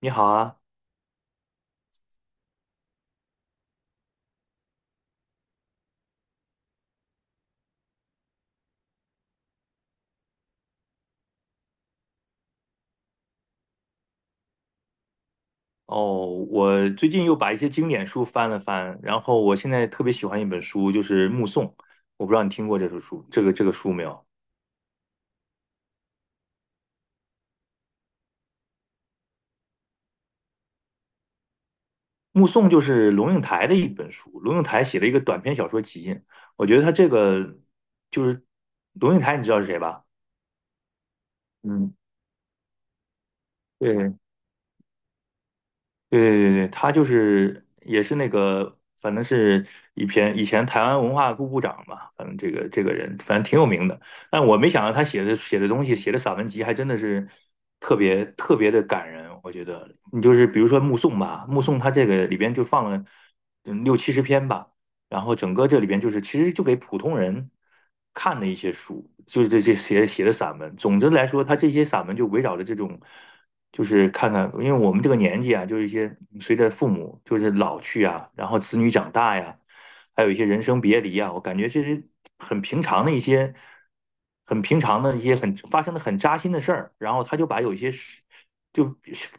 你好啊，哦，我最近又把一些经典书翻了翻，然后我现在特别喜欢一本书，就是《目送》，我不知道你听过这本书，这个书没有？《目送》就是龙应台的一本书，龙应台写了一个短篇小说集，我觉得他这个就是龙应台，你知道是谁吧？嗯，对，对对对对，他就是也是那个，反正是一篇以前台湾文化部部长嘛，反正这个人反正挺有名的。但我没想到他写的东西，写的散文集还真的是特别特别的感人。我觉得你就是比如说《目送》吧，《目送》他这个里边就放了六七十篇吧，然后整个这里边就是其实就给普通人看的一些书，就是这写的散文。总之来说，他这些散文就围绕着这种。就是看看，因为我们这个年纪啊，就是一些随着父母就是老去啊，然后子女长大呀，还有一些人生别离啊，我感觉这是很平常的一些，很发生的很扎心的事儿，然后他就把有一些事就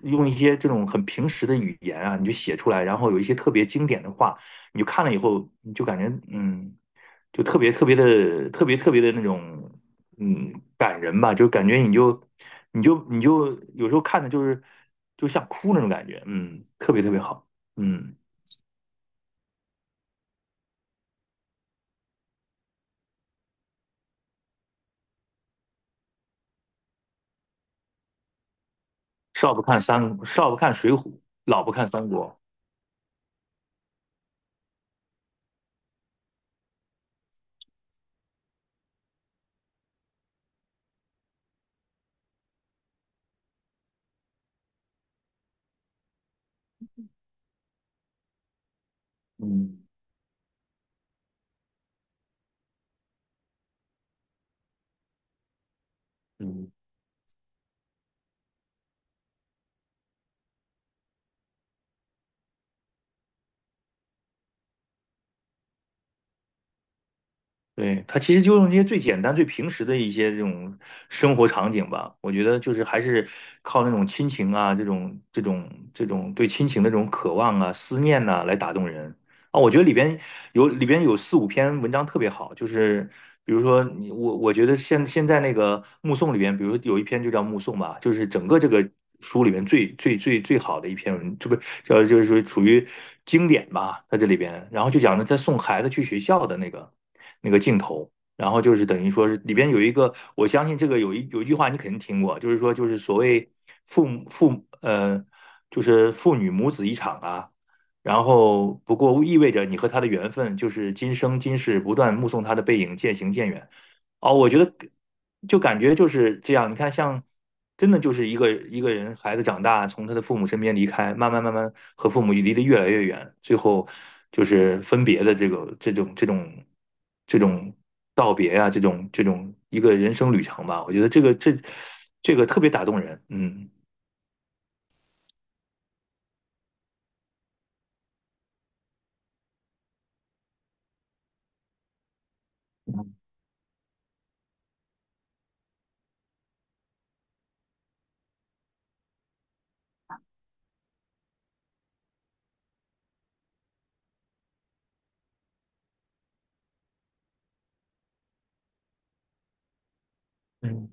用一些这种很平时的语言啊，你就写出来，然后有一些特别经典的话，你就看了以后，你就感觉，就特别特别的那种感人吧，就感觉你就。你有时候看的就是就像哭那种感觉，嗯，特别特别好，嗯，少不看水浒，老不看三国，嗯嗯，对，他其实就用这些最简单、最平时的一些这种生活场景吧，我觉得就是还是靠那种亲情啊，这种对亲情的这种渴望啊、思念呐、来打动人，啊，我觉得里边有四五篇文章特别好，就是比如说我觉得现在那个目送里边，比如有一篇就叫目送吧，就是整个这个书里面最好的一篇文，这不叫就是说属于经典吧，在这里边，然后就讲了他送孩子去学校的那个镜头。然后就是等于说是里边有一个，我相信这个有一句话你肯定听过，就是所谓父母父母呃，就是父女母子一场啊，然后，不过意味着你和他的缘分就是今生今世不断目送他的背影渐行渐远。哦，我觉得就感觉就是这样。你看，像真的就是一个人孩子长大，从他的父母身边离开，慢慢和父母离得越来越远，最后就是分别的这种道别啊，这种一个人生旅程吧。我觉得这个特别打动人。嗯。嗯。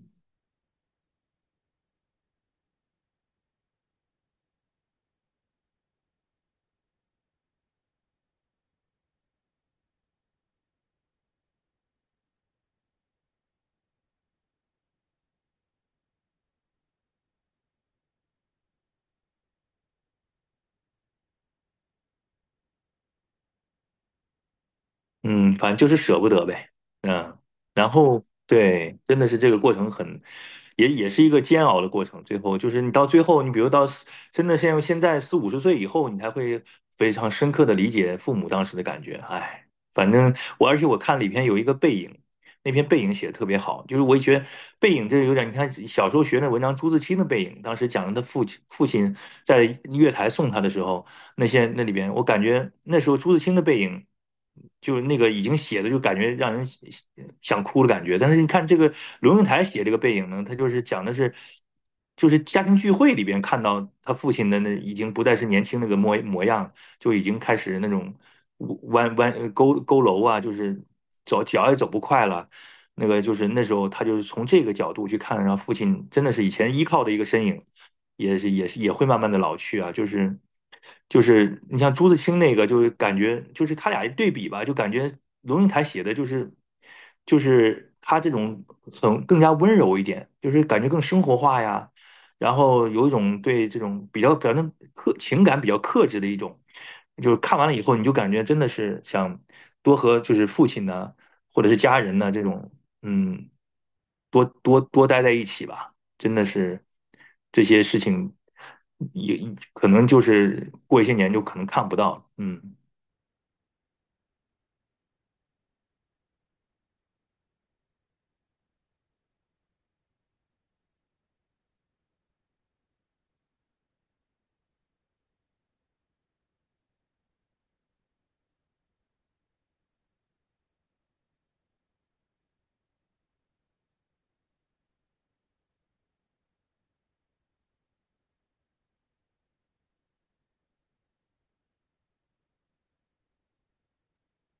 嗯，反正就是舍不得呗，嗯，然后对，真的是这个过程很，也是一个煎熬的过程。最后就是你到最后，你比如真的现在四五十岁以后，你才会非常深刻的理解父母当时的感觉。哎，反正而且我看里边有一个背影，那篇《背影》写的特别好，就是我也觉得《背影》这有点，你看小时候学那文章，朱自清的《背影》，当时讲的他父亲在月台送他的时候，那些那里边，我感觉那时候朱自清的《背影》，就是那个已经写的就感觉让人想哭的感觉，但是你看这个龙应台写这个《背影》呢，他就是讲的是。就是家庭聚会里边看到他父亲的那已经不再是年轻那个模样，就已经开始那种弯弯呃勾勾佝偻啊，就是走脚也走不快了，那个就是那时候他就是从这个角度去看，然后父亲真的是以前依靠的一个身影，也会慢慢的老去啊，就是就是你像朱自清那个，就是感觉就是他俩一对比吧，就感觉龙应台写的就是他这种很更加温柔一点，就是感觉更生活化呀，然后有一种对这种比较表现克情感比较克制的一种。就是看完了以后，你就感觉真的是想多和就是父亲呢，或者是家人呢这种嗯，多多待在一起吧，真的是这些事情也可能就是过一些年就可能看不到了。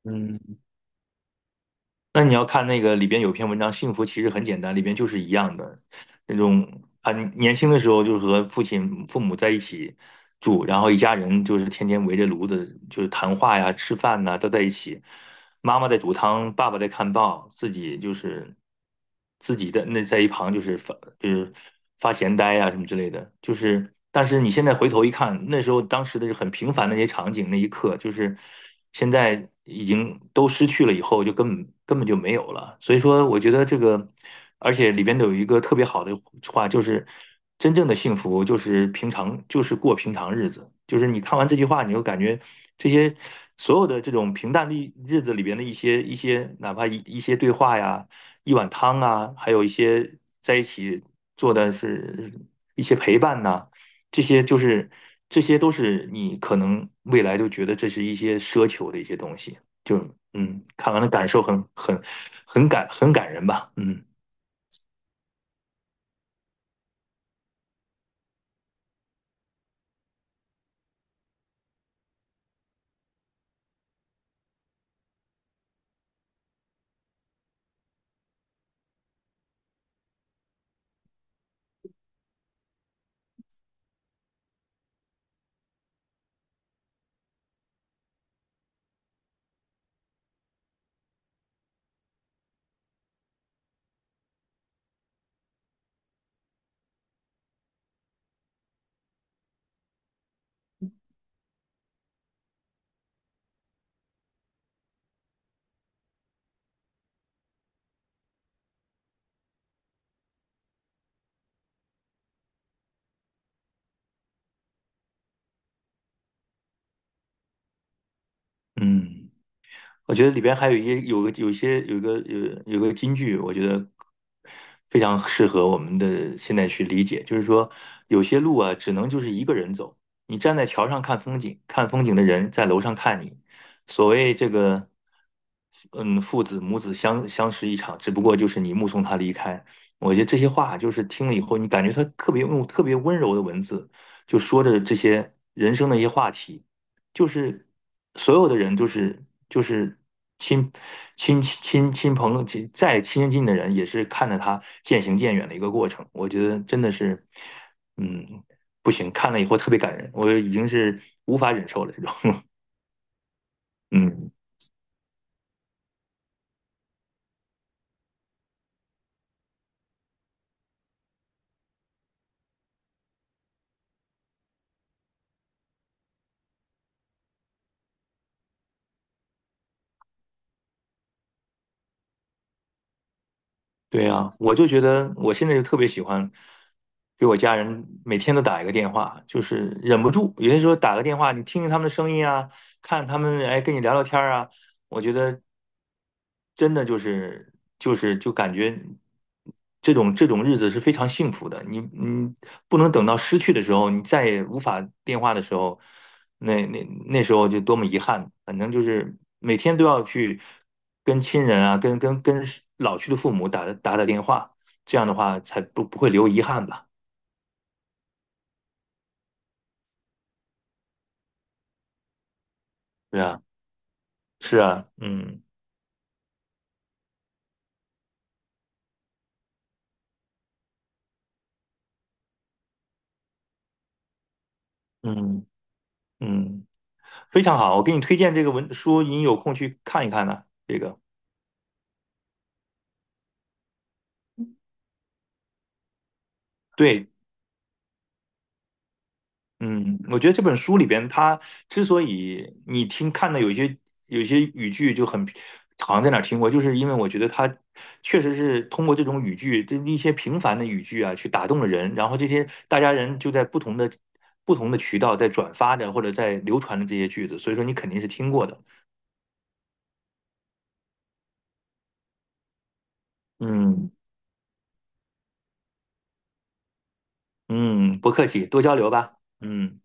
嗯，那你要看那个里边有篇文章《幸福其实很简单》，里边就是一样的那种很年轻的时候就是和父亲、父母在一起住，然后一家人就是天天围着炉子就是谈话呀、吃饭呐，都在一起。妈妈在煮汤，爸爸在看报，自己就是自己的那在一旁就是发闲呆啊什么之类的，就是但是你现在回头一看，那时候当时的是很平凡的那些场景，那一刻就是现在已经都失去了，以后就根本就没有了。所以说，我觉得这个，而且里边都有一个特别好的话，就是。真正的幸福就是平常，就是过平常日子。就是你看完这句话，你就感觉这些所有的这种平淡的日子里边的一些，哪怕一些对话呀，一碗汤啊，还有一些在一起做的是一些陪伴呐、这些就是这些都是你可能未来就觉得这是一些奢求的一些东西。就看完了感受很感人吧，嗯嗯。我觉得里边还有一些有个有一些有一个有有个金句，我觉得非常适合我们的现在去理解，就是说有些路啊，只能就是一个人走。你站在桥上看风景，看风景的人在楼上看你。所谓这个，嗯，父子母子相识一场，只不过就是你目送他离开。我觉得这些话就是听了以后，你感觉他特别用特别温柔的文字，就说着这些人生的一些话题。就是所有的人就是亲亲亲亲朋友亲近的人，也是看着他渐行渐远的一个过程。我觉得真的是，嗯，不行，看了以后特别感人，我已经是无法忍受了这种，嗯。对呀，我就觉得我现在就特别喜欢给我家人每天都打一个电话，就是忍不住。有些时候打个电话，你听听他们的声音啊，看他们哎跟你聊聊天儿啊，我觉得真的就是就是就感觉这种日子是非常幸福的。你不能等到失去的时候，你再也无法电话的时候，那那那时候就多么遗憾。反正就是每天都要去跟亲人啊，跟老去的父母打电话，这样的话才不会留遗憾吧？对啊，是啊，嗯嗯嗯，非常好，我给你推荐这个文书，你有空去看一看呢、这个对，嗯，我觉得这本书里边，它之所以你看的有一些语句就很，好像在哪儿听过，就是因为我觉得它确实是通过这种语句，就是一些平凡的语句啊，去打动了人，然后这些大家人就在不同的渠道在转发着或者在流传着这些句子，所以说你肯定是听过的。嗯嗯，不客气，多交流吧。嗯。